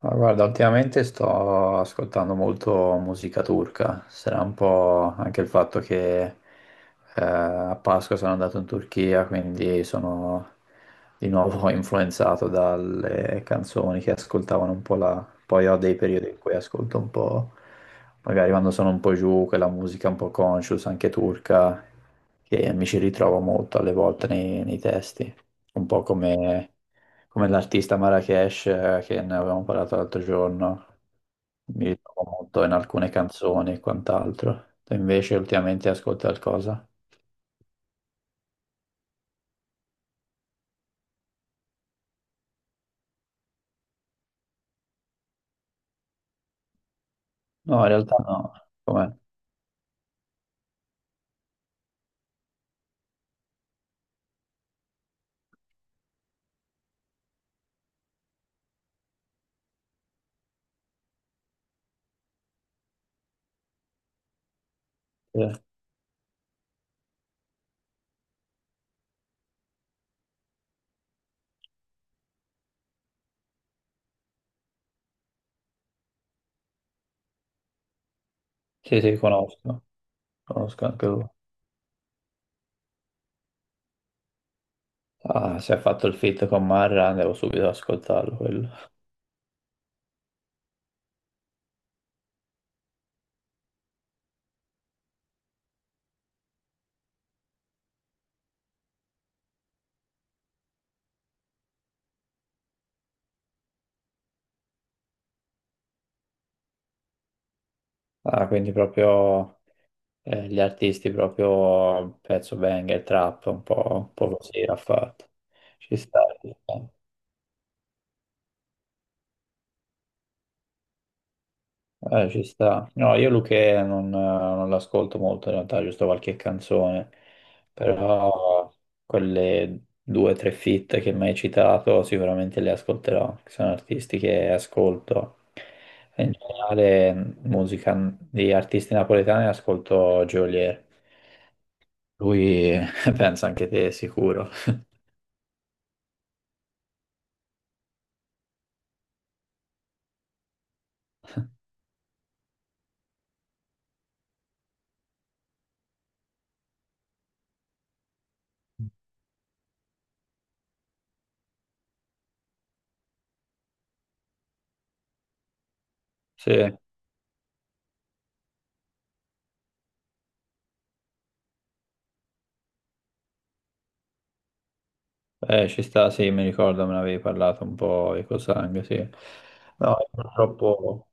Ah, guarda, ultimamente sto ascoltando molto musica turca, sarà un po' anche il fatto che a Pasqua sono andato in Turchia, quindi sono di nuovo influenzato dalle canzoni che ascoltavano un po' là. Poi ho dei periodi in cui ascolto un po', magari quando sono un po' giù, quella musica un po' conscious, anche turca, che mi ci ritrovo molto alle volte nei testi, un po' come l'artista Marrakesh che ne avevamo parlato l'altro giorno, mi ritrovo molto in alcune canzoni e quant'altro. Tu invece ultimamente ascolti qualcosa? No, in realtà no. Com'è? Eh, Sì, sì, conosco anche lui. Ah, si è fatto il feat con Marra, devo subito ascoltarlo quello. Ah, quindi proprio gli artisti, proprio pezzo banger, trap, un po' così ha fatto. Ci sta. Ci sta. Ci sta. No, io Luchè non l'ascolto molto in realtà, giusto qualche canzone, però quelle due o tre feat che mi hai citato sicuramente le ascolterò, che sono artisti che ascolto. In generale musica di artisti napoletani ascolto Geolier, lui pensa anche te sicuro. Sì. Ci sta, sì, mi ricordo, me ne avevi parlato un po' di Cosang, sì. No, io purtroppo,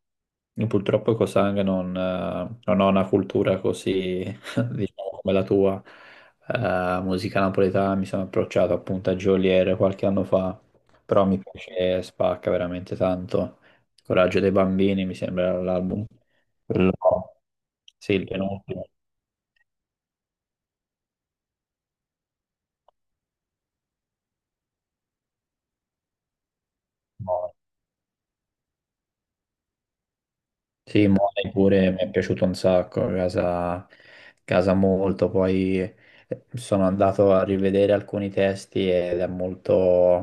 io purtroppo Cosang non ho una cultura così, diciamo, come la tua. Musica napoletana mi sono approcciato appunto a Geolier qualche anno fa, però mi piace, spacca veramente tanto. Coraggio dei bambini mi sembra l'album. Quello- Sì, il penultimo. Sì, Money pure mi è piaciuto un sacco, casa, casa molto, poi sono andato a rivedere alcuni testi ed è molto,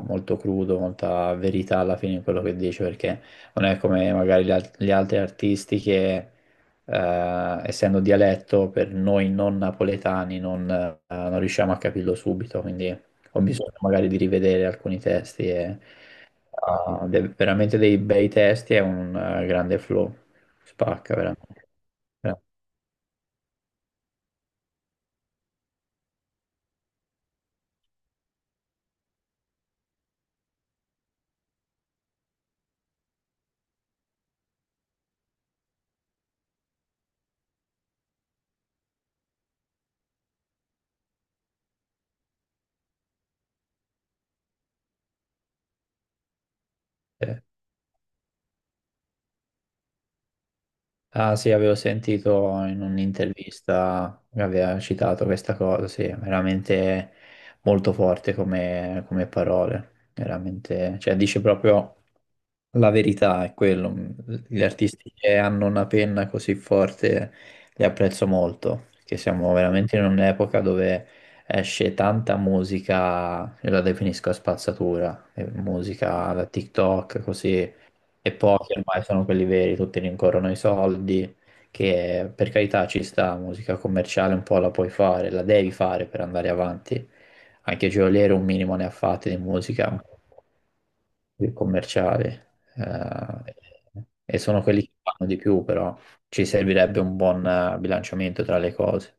molto crudo, molta verità alla fine in quello che dice, perché non è come magari gli altri artisti che, essendo dialetto, per noi non napoletani non riusciamo a capirlo subito, quindi ho bisogno magari di rivedere alcuni testi e, veramente dei bei testi e un grande flow. Spacca veramente. Veramente. Ah sì, avevo sentito in un'intervista che aveva citato questa cosa, sì, veramente molto forte come, come parole, veramente, cioè dice proprio la verità, è quello. Gli artisti che hanno una penna così forte li apprezzo molto, perché siamo veramente in un'epoca dove esce tanta musica, io la definisco a spazzatura, musica da TikTok, così. E pochi ormai sono quelli veri, tutti rincorrono i soldi, che per carità ci sta, musica commerciale un po' la puoi fare, la devi fare per andare avanti. Anche Geolier un minimo ne ha fatte di musica più commerciale. E sono quelli che fanno di più, però ci servirebbe un buon bilanciamento tra le cose.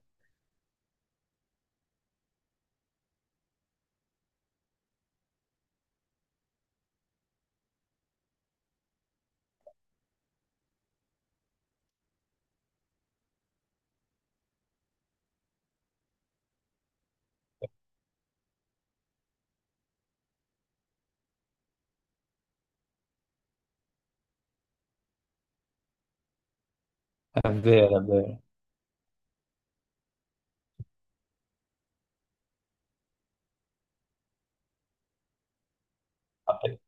È vero, è vero. Vabbè.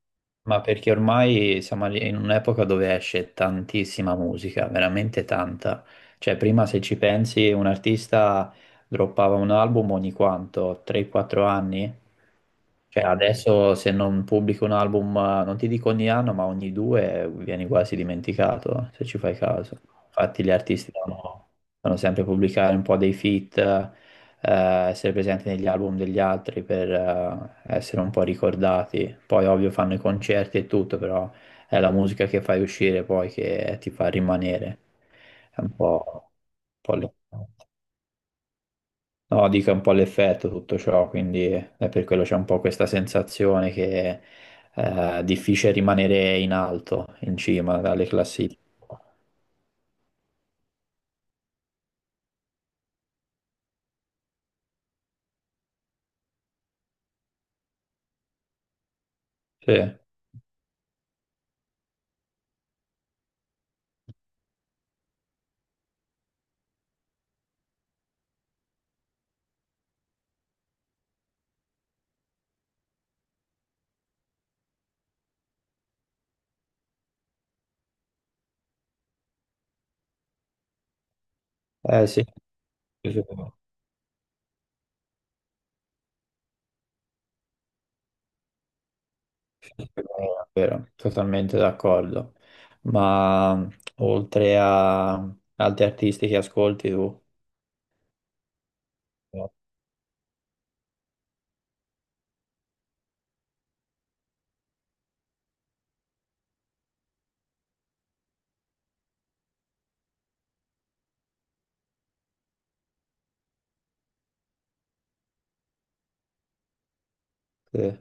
Ma perché ormai siamo lì in un'epoca dove esce tantissima musica, veramente tanta. Cioè, prima se ci pensi, un artista droppava un album ogni quanto, 3-4 anni? Cioè adesso se non pubblico un album, non ti dico ogni anno, ma ogni due vieni quasi dimenticato, se ci fai caso. Infatti gli artisti devono sempre pubblicare un po' dei feat, essere presenti negli album degli altri per essere un po' ricordati. Poi ovvio fanno i concerti e tutto, però è la musica che fai uscire poi che ti fa rimanere. È un po' lì. No, dica un po' l'effetto tutto ciò, quindi è per quello c'è un po' questa sensazione che è difficile rimanere in alto, in cima dalle classifiche. Sì, eh sì, sì, sì, sì, è vero, totalmente d'accordo. Ma oltre a altri artisti che ascolti tu? Sì.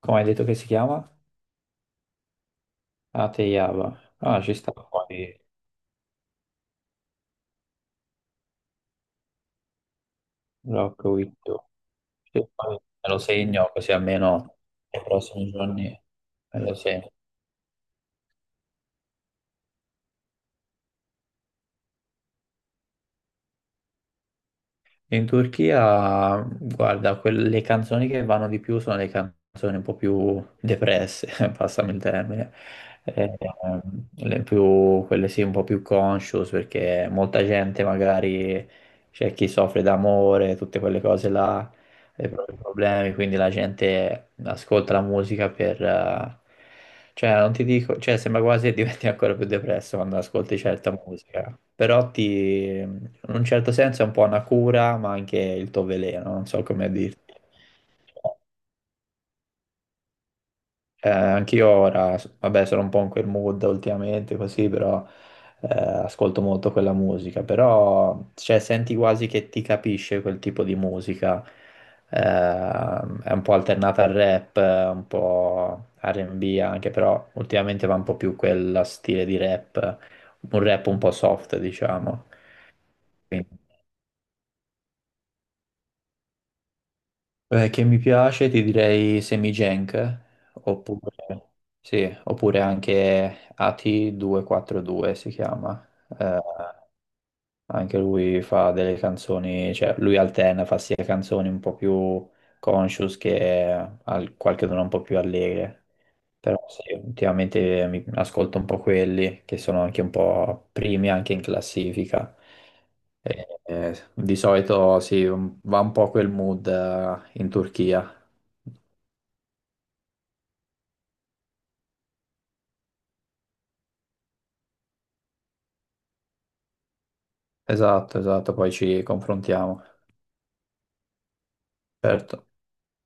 Come hai detto che si chiama? Ateyaba. Ah, ci sta. Poi Rock With Sì, poi me lo segno così almeno nei prossimi giorni me lo segno. In Turchia, guarda, quelle canzoni che vanno di più sono le canzoni un po' più depresse, passami il termine. Quelle sì un po' più conscious perché molta gente magari c'è chi soffre d'amore, tutte quelle cose là, i propri problemi, quindi la gente ascolta la musica cioè, non ti dico, cioè, sembra quasi che diventi ancora più depresso quando ascolti certa musica, però in un certo senso è un po' una cura, ma anche il tuo veleno, non so come dirti. Anch'io ora, vabbè, sono un po' in quel mood ultimamente, così, però eh, ascolto molto quella musica, però cioè, senti quasi che ti capisce quel tipo di musica. È un po' alternata al rap, un po' R&B anche, però ultimamente va un po' più quel stile di rap un po' soft, diciamo. Che mi piace, ti direi Semigenk, oppure, sì, oppure anche AT242 si chiama. Eh, anche lui fa delle canzoni, cioè lui alterna, fa sia canzoni un po' più conscious che qualche una un po' più allegre. Però sì, ultimamente mi ascolto un po' quelli che sono anche un po' primi anche in classifica. E, di solito sì, va un po' quel mood in Turchia. Esatto, esatto, poi ci confrontiamo. Certo.